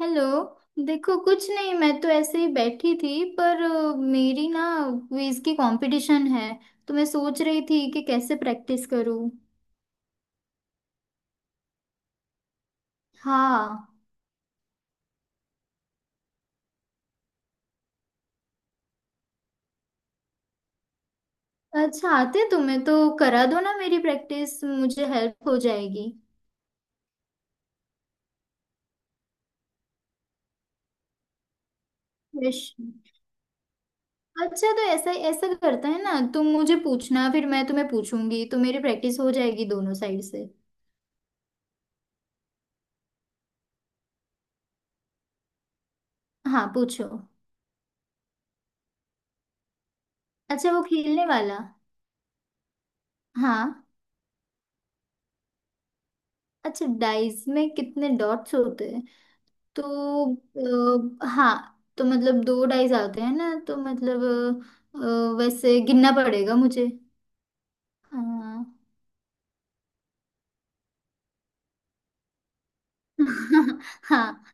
Hello. देखो, कुछ नहीं। मैं तो ऐसे ही बैठी थी पर मेरी ना क्विज की कंपटीशन है, तो मैं सोच रही थी कि कैसे प्रैक्टिस करूं। हाँ। अच्छा, आते तुम्हें तो करा दो ना मेरी प्रैक्टिस, मुझे हेल्प हो जाएगी। प्रश्न। अच्छा, तो ऐसा ऐसा करता है ना, तुम मुझे पूछना फिर मैं तुम्हें पूछूंगी तो मेरी प्रैक्टिस हो जाएगी दोनों साइड से। हाँ, पूछो। अच्छा, वो खेलने वाला। हाँ। अच्छा, डाइस में कितने डॉट्स होते हैं? तो हाँ, तो मतलब दो ढाई जाते हैं ना, तो मतलब वैसे गिनना पड़ेगा मुझे। हाँ। हाँ।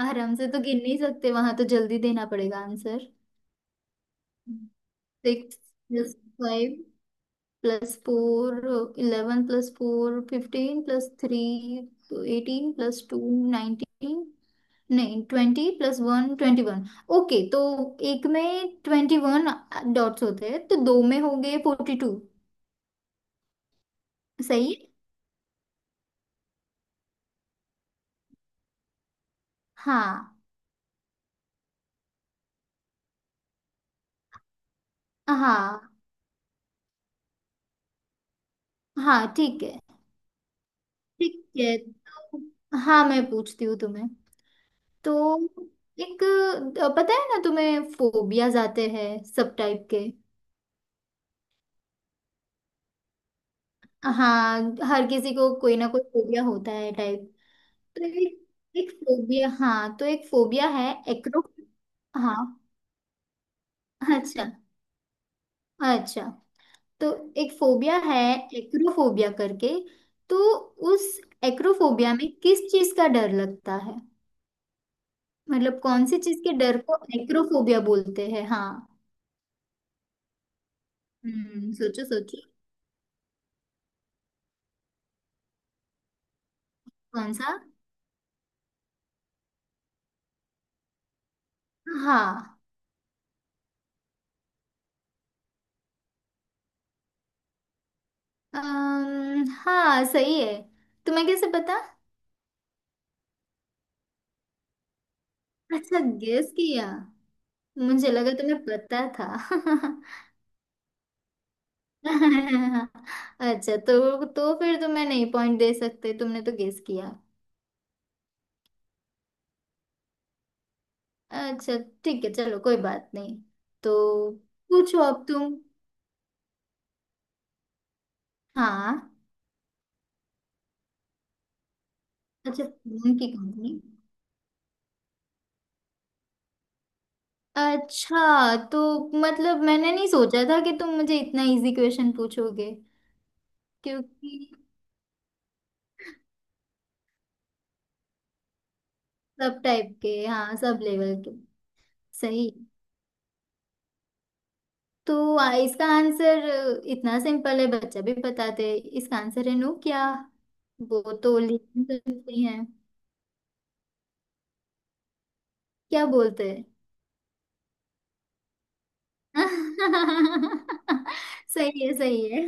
आराम से तो गिन नहीं सकते, वहां तो जल्दी देना पड़ेगा answer. Six plus five plus four, 11 plus four 15 plus three, तो 18 प्लस टू 19, नहीं, 20 प्लस वन 21। ओके, तो एक में 21 डॉट्स होते हैं, तो दो में हो गए 42। सही है? हाँ, हाँ, हाँ। ठीक है, ठीक है, तो हाँ, मैं पूछती हूँ तुम्हें। तो एक, पता है ना तुम्हें फोबियाज आते हैं सब टाइप के? हाँ, हर किसी को कोई ना कोई फोबिया होता है टाइप। तो एक एक फोबिया, हाँ, तो एक फोबिया है एक्रो। हाँ। अच्छा, अच्छा। तो एक फोबिया है एक्रोफोबिया करके। तो उस एक्रोफोबिया में किस चीज का डर लगता है? मतलब कौन सी चीज के डर को एक्रोफोबिया बोलते हैं? हाँ। हम्म, सोचो, सोचो। कौन सा? हाँ, हाँ, सही है। तुम्हें कैसे पता? अच्छा, गेस किया। मुझे लगा तुम्हें पता था। अच्छा, तो फिर तुम्हें नहीं पॉइंट दे सकते, तुमने तो गेस किया। अच्छा, ठीक है, चलो, कोई बात नहीं। तो पूछो अब तुम। हाँ। अच्छा, फोन की कंपनी। अच्छा, तो मतलब मैंने नहीं सोचा था कि तुम मुझे इतना इजी क्वेश्चन पूछोगे। क्योंकि सब टाइप के, हाँ, सब लेवल के। सही। तो इसका आंसर इतना सिंपल है, बच्चा भी बताते हैं। इसका आंसर है नो, क्या? वो तो लिखने सकते हैं। क्या बोलते हैं? सही है, सही है।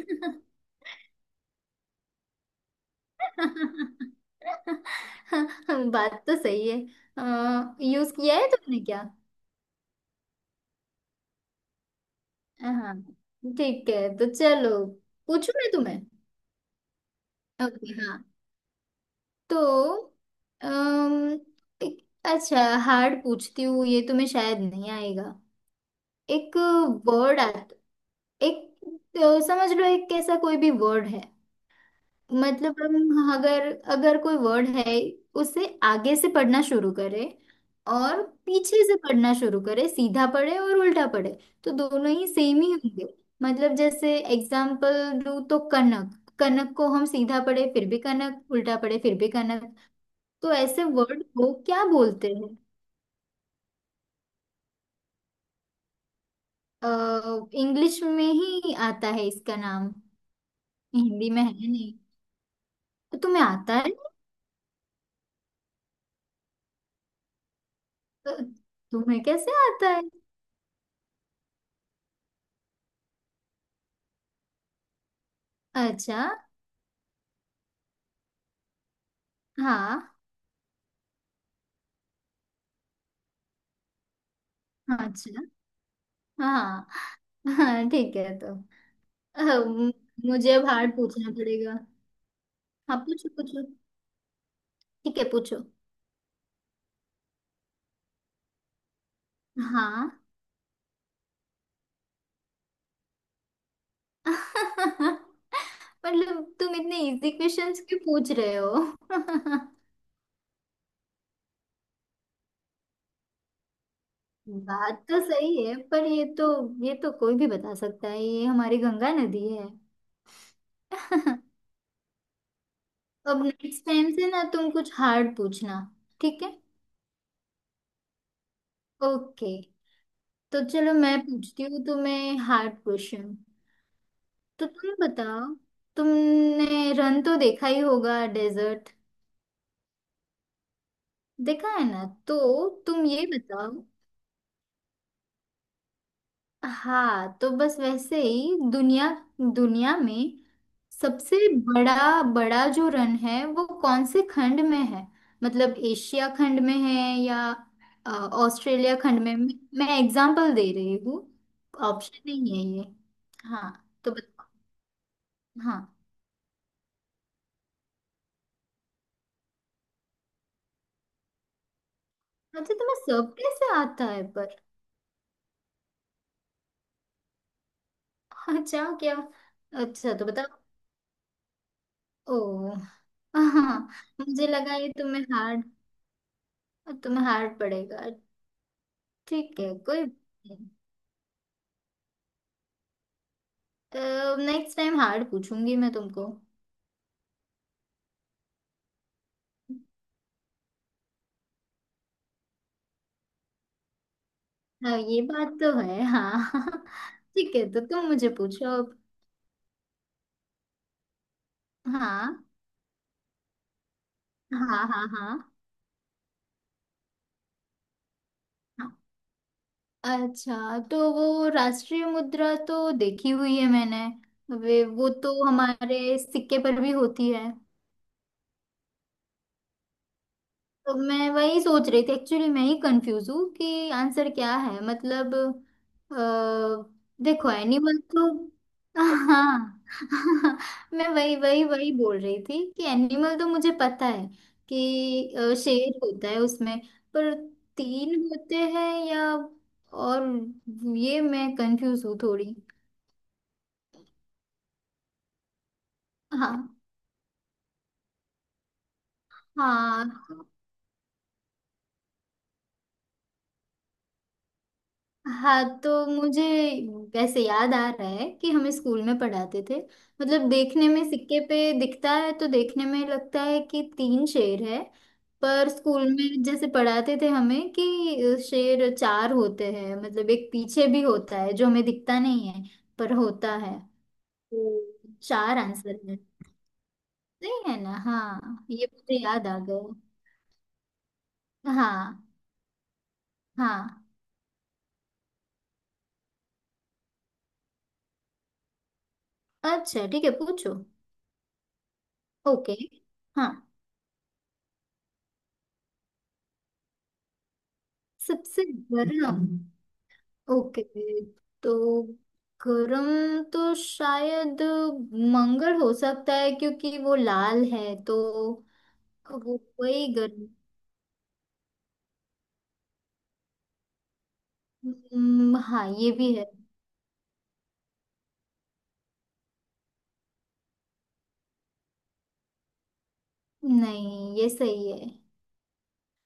बात तो सही है। यूज किया है तुमने क्या? हाँ, ठीक है, तो चलो। पूछू मैं तुम्हें? ओके, हाँ। तो अम, एक, अच्छा, हार्ड पूछती हूँ, ये तुम्हें शायद नहीं आएगा। एक वर्ड आता, एक, तो समझ लो एक कैसा कोई भी वर्ड है। मतलब हम अगर अगर कोई वर्ड है, उसे आगे से पढ़ना शुरू करें और पीछे से पढ़ना शुरू करें, सीधा पढ़े और उल्टा पढ़े, तो दोनों ही सेम ही होंगे। मतलब जैसे एग्जाम्पल दूं तो कनक, कनक को हम सीधा पढ़े फिर भी कनक, उल्टा पढ़े फिर भी कनक। तो ऐसे वर्ड को क्या बोलते हैं? इंग्लिश में ही आता है इसका नाम, हिंदी में है नहीं। तो तुम्हें आता है? अ, तुम्हें कैसे आता है? अच्छा। हाँ। अच्छा। हाँ, हाँ, ठीक है, तो अम, मुझे अब हार्ड पूछना पड़ेगा। हाँ, पूछो, पूछो। ठीक है, पूछो। हाँ। मतलब तुम इतने इजी क्वेश्चंस क्यों पूछ रहे हो? बात तो सही है, पर ये तो कोई भी बता सकता है, ये हमारी गंगा नदी है। अब नेक्स्ट टाइम से ना तुम कुछ हार्ड पूछना, ठीक है? ओके। तो चलो, मैं पूछती हूँ तुम्हें हार्ड क्वेश्चन। तो तुम बताओ, तुमने रन तो देखा ही होगा, डेजर्ट। देखा है ना, तो तुम ये बताओ। हाँ, तो बस वैसे ही दुनिया दुनिया में सबसे बड़ा बड़ा जो रन है, वो कौन से खंड में है? मतलब एशिया खंड में है या ऑस्ट्रेलिया खंड में? मैं एग्जांपल दे रही हूँ, ऑप्शन नहीं है ये। हाँ, तो बताओ। हाँ। अच्छा, तुम्हें सब कैसे आता है? हाँ, अच्छा, क्या? अच्छा, तो बताओ। ओ, हाँ। मुझे लगा ये तुम्हें हार्ड पड़ेगा। ठीक है, कोई, नेक्स्ट टाइम हार्ड पूछूंगी मैं तुमको। हाँ, ये बात तो है, हाँ। ठीक है, तो तुम मुझे पूछो अब। हाँ, हाँ, हाँ, हाँ, हाँ। अच्छा, तो वो राष्ट्रीय मुद्रा तो देखी हुई है मैंने। वे वो तो हमारे सिक्के पर भी होती है। तो मैं वही सोच रही थी, एक्चुअली मैं ही कंफ्यूज हूँ कि आंसर क्या है, मतलब। अ, देखो, एनिमल तो। हाँ। मैं वही वही वही बोल रही थी कि एनिमल तो मुझे पता है, कि शेर होता है उसमें। पर तीन होते हैं या, और ये मैं कंफ्यूज हूँ थोड़ी। हाँ, हाँ, हाँ। तो मुझे वैसे याद आ रहा है कि हमें स्कूल में पढ़ाते थे। मतलब देखने में सिक्के पे दिखता है तो देखने में लगता है कि तीन शेर है। पर स्कूल में जैसे पढ़ाते थे हमें कि शेर चार होते हैं, मतलब एक पीछे भी होता है जो हमें दिखता नहीं है, पर होता है। तो चार आंसर है। सही है ना, हाँ, ये मुझे याद आ गया। हाँ, हाँ। अच्छा, ठीक है, पूछो। ओके। हाँ, सबसे बड़ा। ओके, तो गरम तो शायद मंगल हो सकता है क्योंकि वो लाल है तो, वो वही गरम। हाँ, ये भी है। नहीं, ये सही है।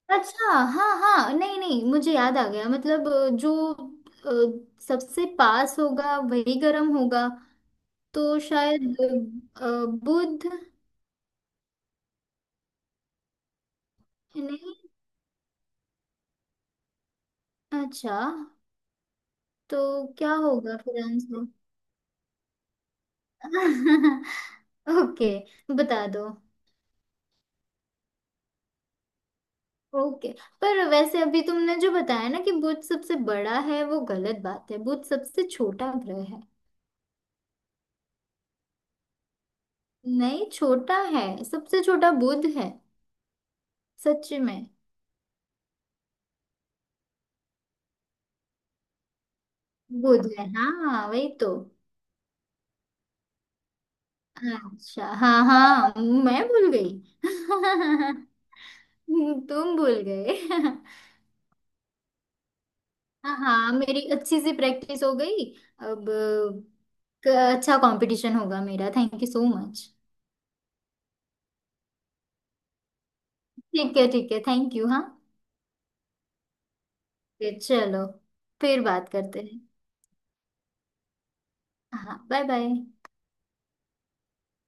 अच्छा, हाँ, हाँ, नहीं, नहीं, मुझे याद आ गया, मतलब जो सबसे पास होगा वही गर्म होगा। तो शायद अ, बुध। नहीं। अच्छा, तो क्या होगा फिर आंसर? ओके, बता दो। ओके। पर वैसे अभी तुमने जो बताया ना कि बुध सबसे बड़ा है, वो गलत बात है, बुध सबसे छोटा ग्रह है। नहीं, छोटा है, सबसे छोटा बुध है। सच में? बुध है, हाँ, वही तो। अच्छा, हाँ, हाँ, मैं भूल गई। तुम भूल गए। हाँ, हाँ, मेरी अच्छी सी प्रैक्टिस हो गई। अब क- अच्छा, कंपटीशन होगा मेरा, थैंक यू सो मच। ठीक है, ठीक है, थैंक यू, हाँ। फिर चलो, फिर बात करते हैं। हाँ, बाय बाय।